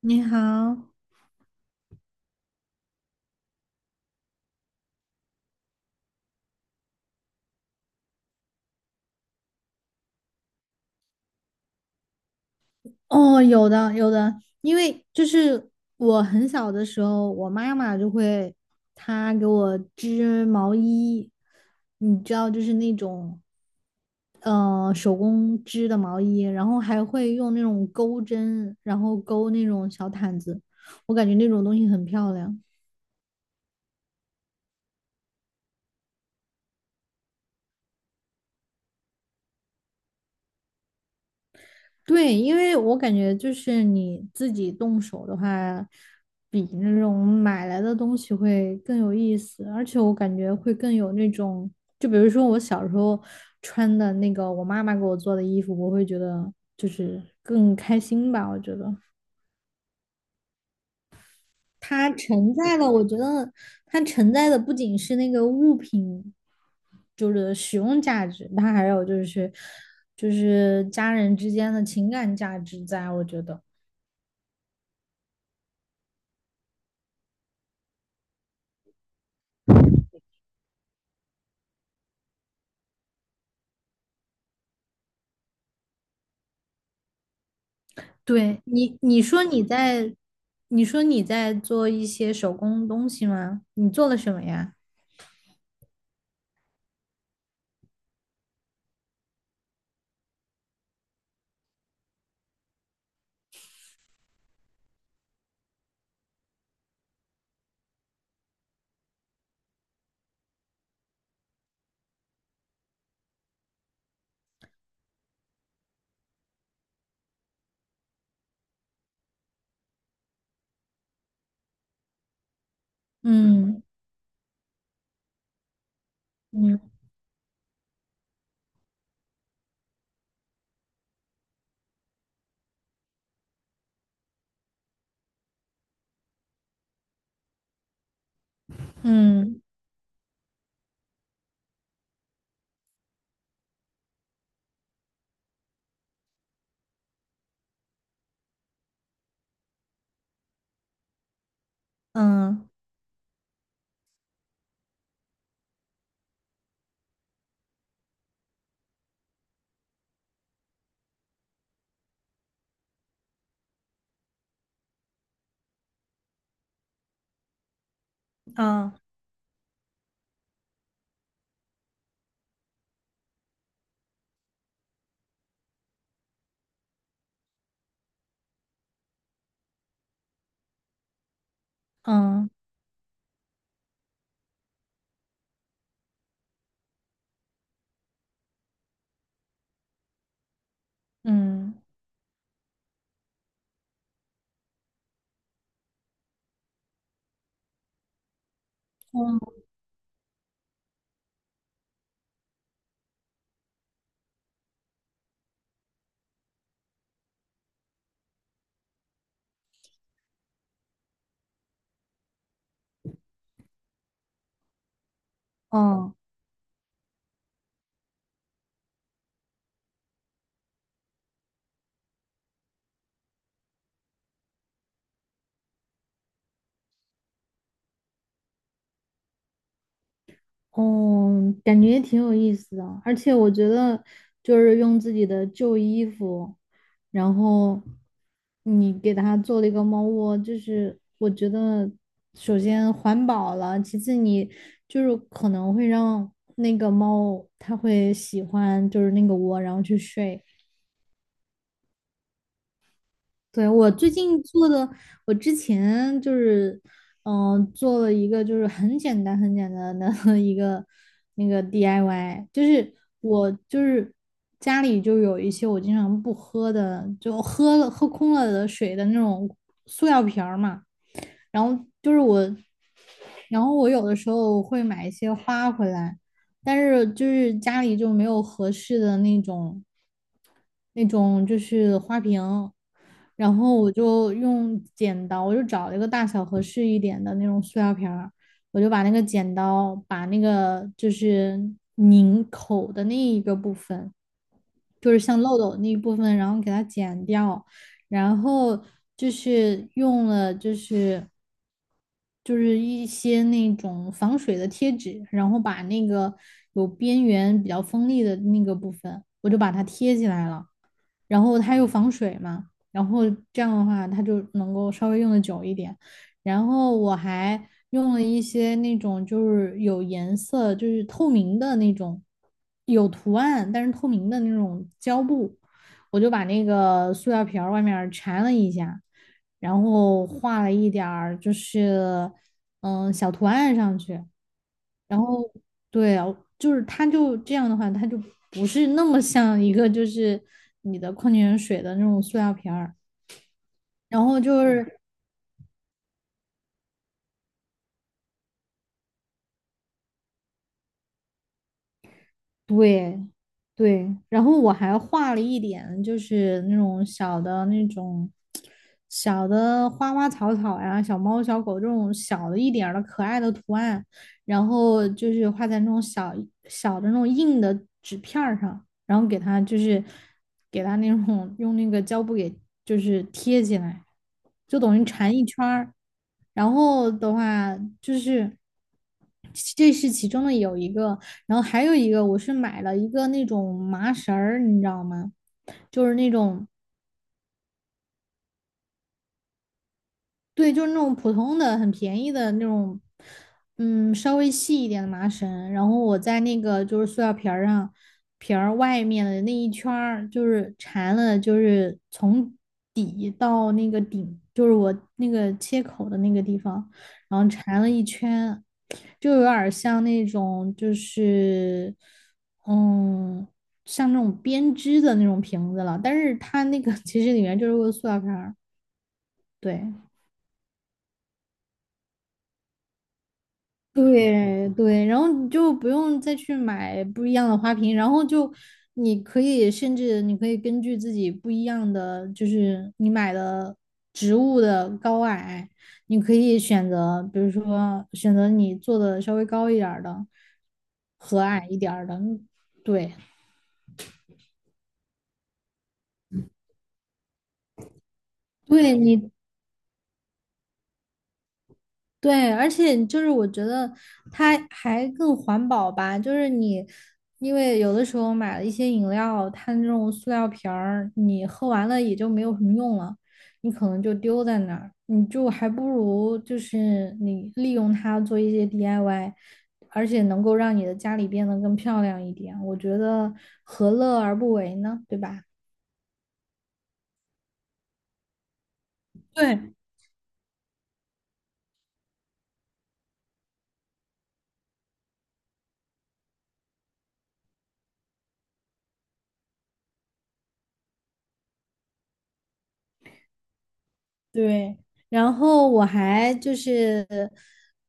你好。哦，有的有的。因为就是我很小的时候，我妈妈就会给我织毛衣，你知道，就是那种手工织的毛衣，然后还会用那种钩针，然后钩那种小毯子，我感觉那种东西很漂亮。对，因为我感觉就是你自己动手的话，比那种买来的东西会更有意思，而且我感觉会更有那种，就比如说我小时候穿的那个我妈妈给我做的衣服，我会觉得就是更开心吧。我觉得它承载了，我觉得它承载的不仅是那个物品，就是使用价值，它还有就是家人之间的情感价值在，我觉得。对你，你说你在做一些手工东西吗？你做了什么呀？嗯嗯嗯嗯嗯嗯嗯嗯嗯。嗯嗯嗯。哦，感觉也挺有意思的，而且我觉得就是用自己的旧衣服，然后你给它做了一个猫窝，就是我觉得首先环保了，其次你就是可能会让那个猫它会喜欢就是那个窝，然后去睡。对，我最近做的，我之前就是，嗯、做了一个就是很简单的 一个那个 DIY,就是我就是家里就有一些我经常不喝的，就喝了喝空了的水的那种塑料瓶儿嘛，然后就是我，然后我有的时候会买一些花回来，但是就是家里就没有合适的那种。那种就是花瓶。然后我就用剪刀，我就找了一个大小合适一点的那种塑料瓶儿，我就把那个剪刀把那个就是拧口的那一个部分，就是像漏斗那一部分，然后给它剪掉，然后就是用了就是一些那种防水的贴纸，然后把那个有边缘比较锋利的那个部分，我就把它贴起来了。然后它又防水嘛，然后这样的话它就能够稍微用的久一点。然后我还用了一些那种就是有颜色，就是透明的那种，有图案但是透明的那种胶布，我就把那个塑料瓶儿外面缠了一下，然后画了一点儿就是小图案上去，然后对啊，就是它就这样的话，它就不是那么像一个就是你的矿泉水的那种塑料瓶儿。然后就是对，对，然后我还画了一点，就是那种小的那种小的花花草草呀、小猫小狗这种小的一点儿的可爱的图案，然后就是画在那种小小的那种硬的纸片儿上，然后给它就是给它那种用那个胶布给就是贴起来，就等于缠一圈儿。然后的话就是，这是其中的有一个。然后还有一个我是买了一个那种麻绳儿，你知道吗？就是那种。对，就是那种普通的、很便宜的那种，嗯，稍微细一点的麻绳，然后我在那个就是塑料瓶儿上，瓶儿外面的那一圈儿，就是缠了，就是从底到那个顶，就是我那个切口的那个地方，然后缠了一圈，就有点儿像那种就是，嗯，像那种编织的那种瓶子了，但是它那个其实里面就是个塑料瓶儿，对。对对，然后你就不用再去买不一样的花瓶，然后就你可以甚至你可以根据自己不一样的，就是你买的植物的高矮，你可以选择，比如说选择你做的稍微高一点儿的和矮一点儿的，对。对你，对，而且就是我觉得它还更环保吧，就是你，因为有的时候买了一些饮料，它那种塑料瓶儿，你喝完了也就没有什么用了，你可能就丢在那儿，你就还不如就是你利用它做一些 DIY,而且能够让你的家里变得更漂亮一点，我觉得何乐而不为呢，对吧？对，对，然后我还就是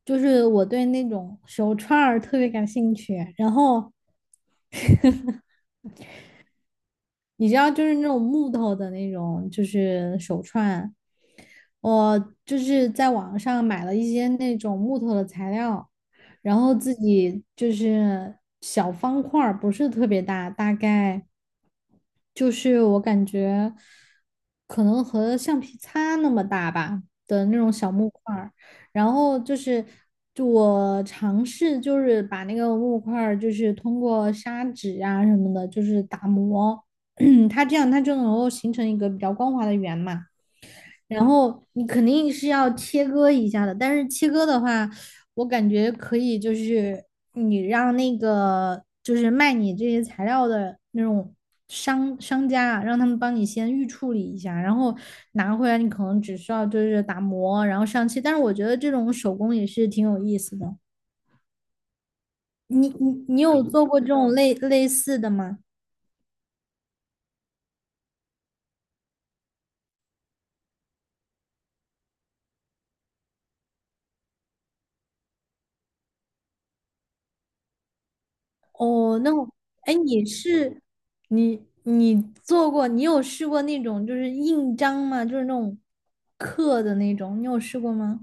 就是我对那种手串儿特别感兴趣，然后你知道，就是那种木头的那种，就是手串。我就是在网上买了一些那种木头的材料，然后自己就是小方块儿不是特别大，大概就是我感觉可能和橡皮擦那么大吧的那种小木块儿，然后就是，就我尝试就是把那个木块儿就是通过砂纸啊什么的，就是打磨。它这样它就能够形成一个比较光滑的圆嘛。然后你肯定是要切割一下的，但是切割的话，我感觉可以，就是你让那个就是卖你这些材料的那种商家啊，让他们帮你先预处理一下，然后拿回来你可能只需要就是打磨，然后上漆。但是我觉得这种手工也是挺有意思的。你有做过这种类似的吗？哦，那我，哎，你是你做过，你有试过那种就是印章吗？就是那种刻的那种，你有试过吗？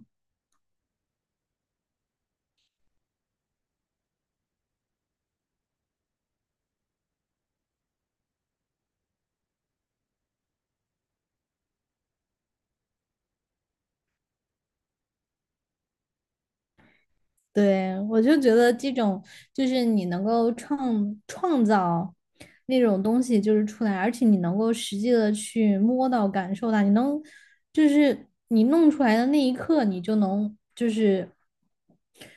对，我就觉得这种就是你能够创造那种东西就是出来，而且你能够实际的去摸到、感受到，你能就是你弄出来的那一刻，你就能就是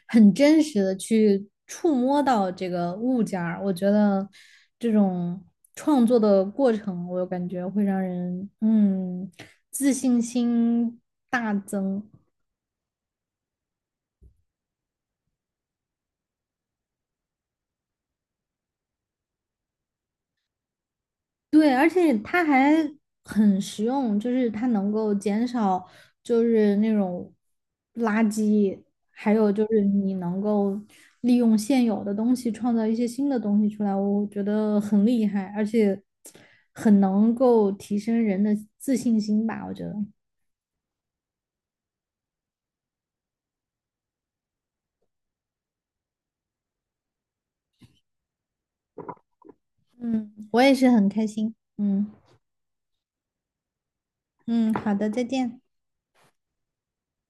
很真实的去触摸到这个物件儿，我觉得这种创作的过程，我感觉会让人自信心大增。对，而且它还很实用，就是它能够减少就是那种垃圾，还有就是你能够利用现有的东西创造一些新的东西出来，我觉得很厉害，而且很能够提升人的自信心吧，我觉得。我也是很开心。嗯。嗯，好的，再见。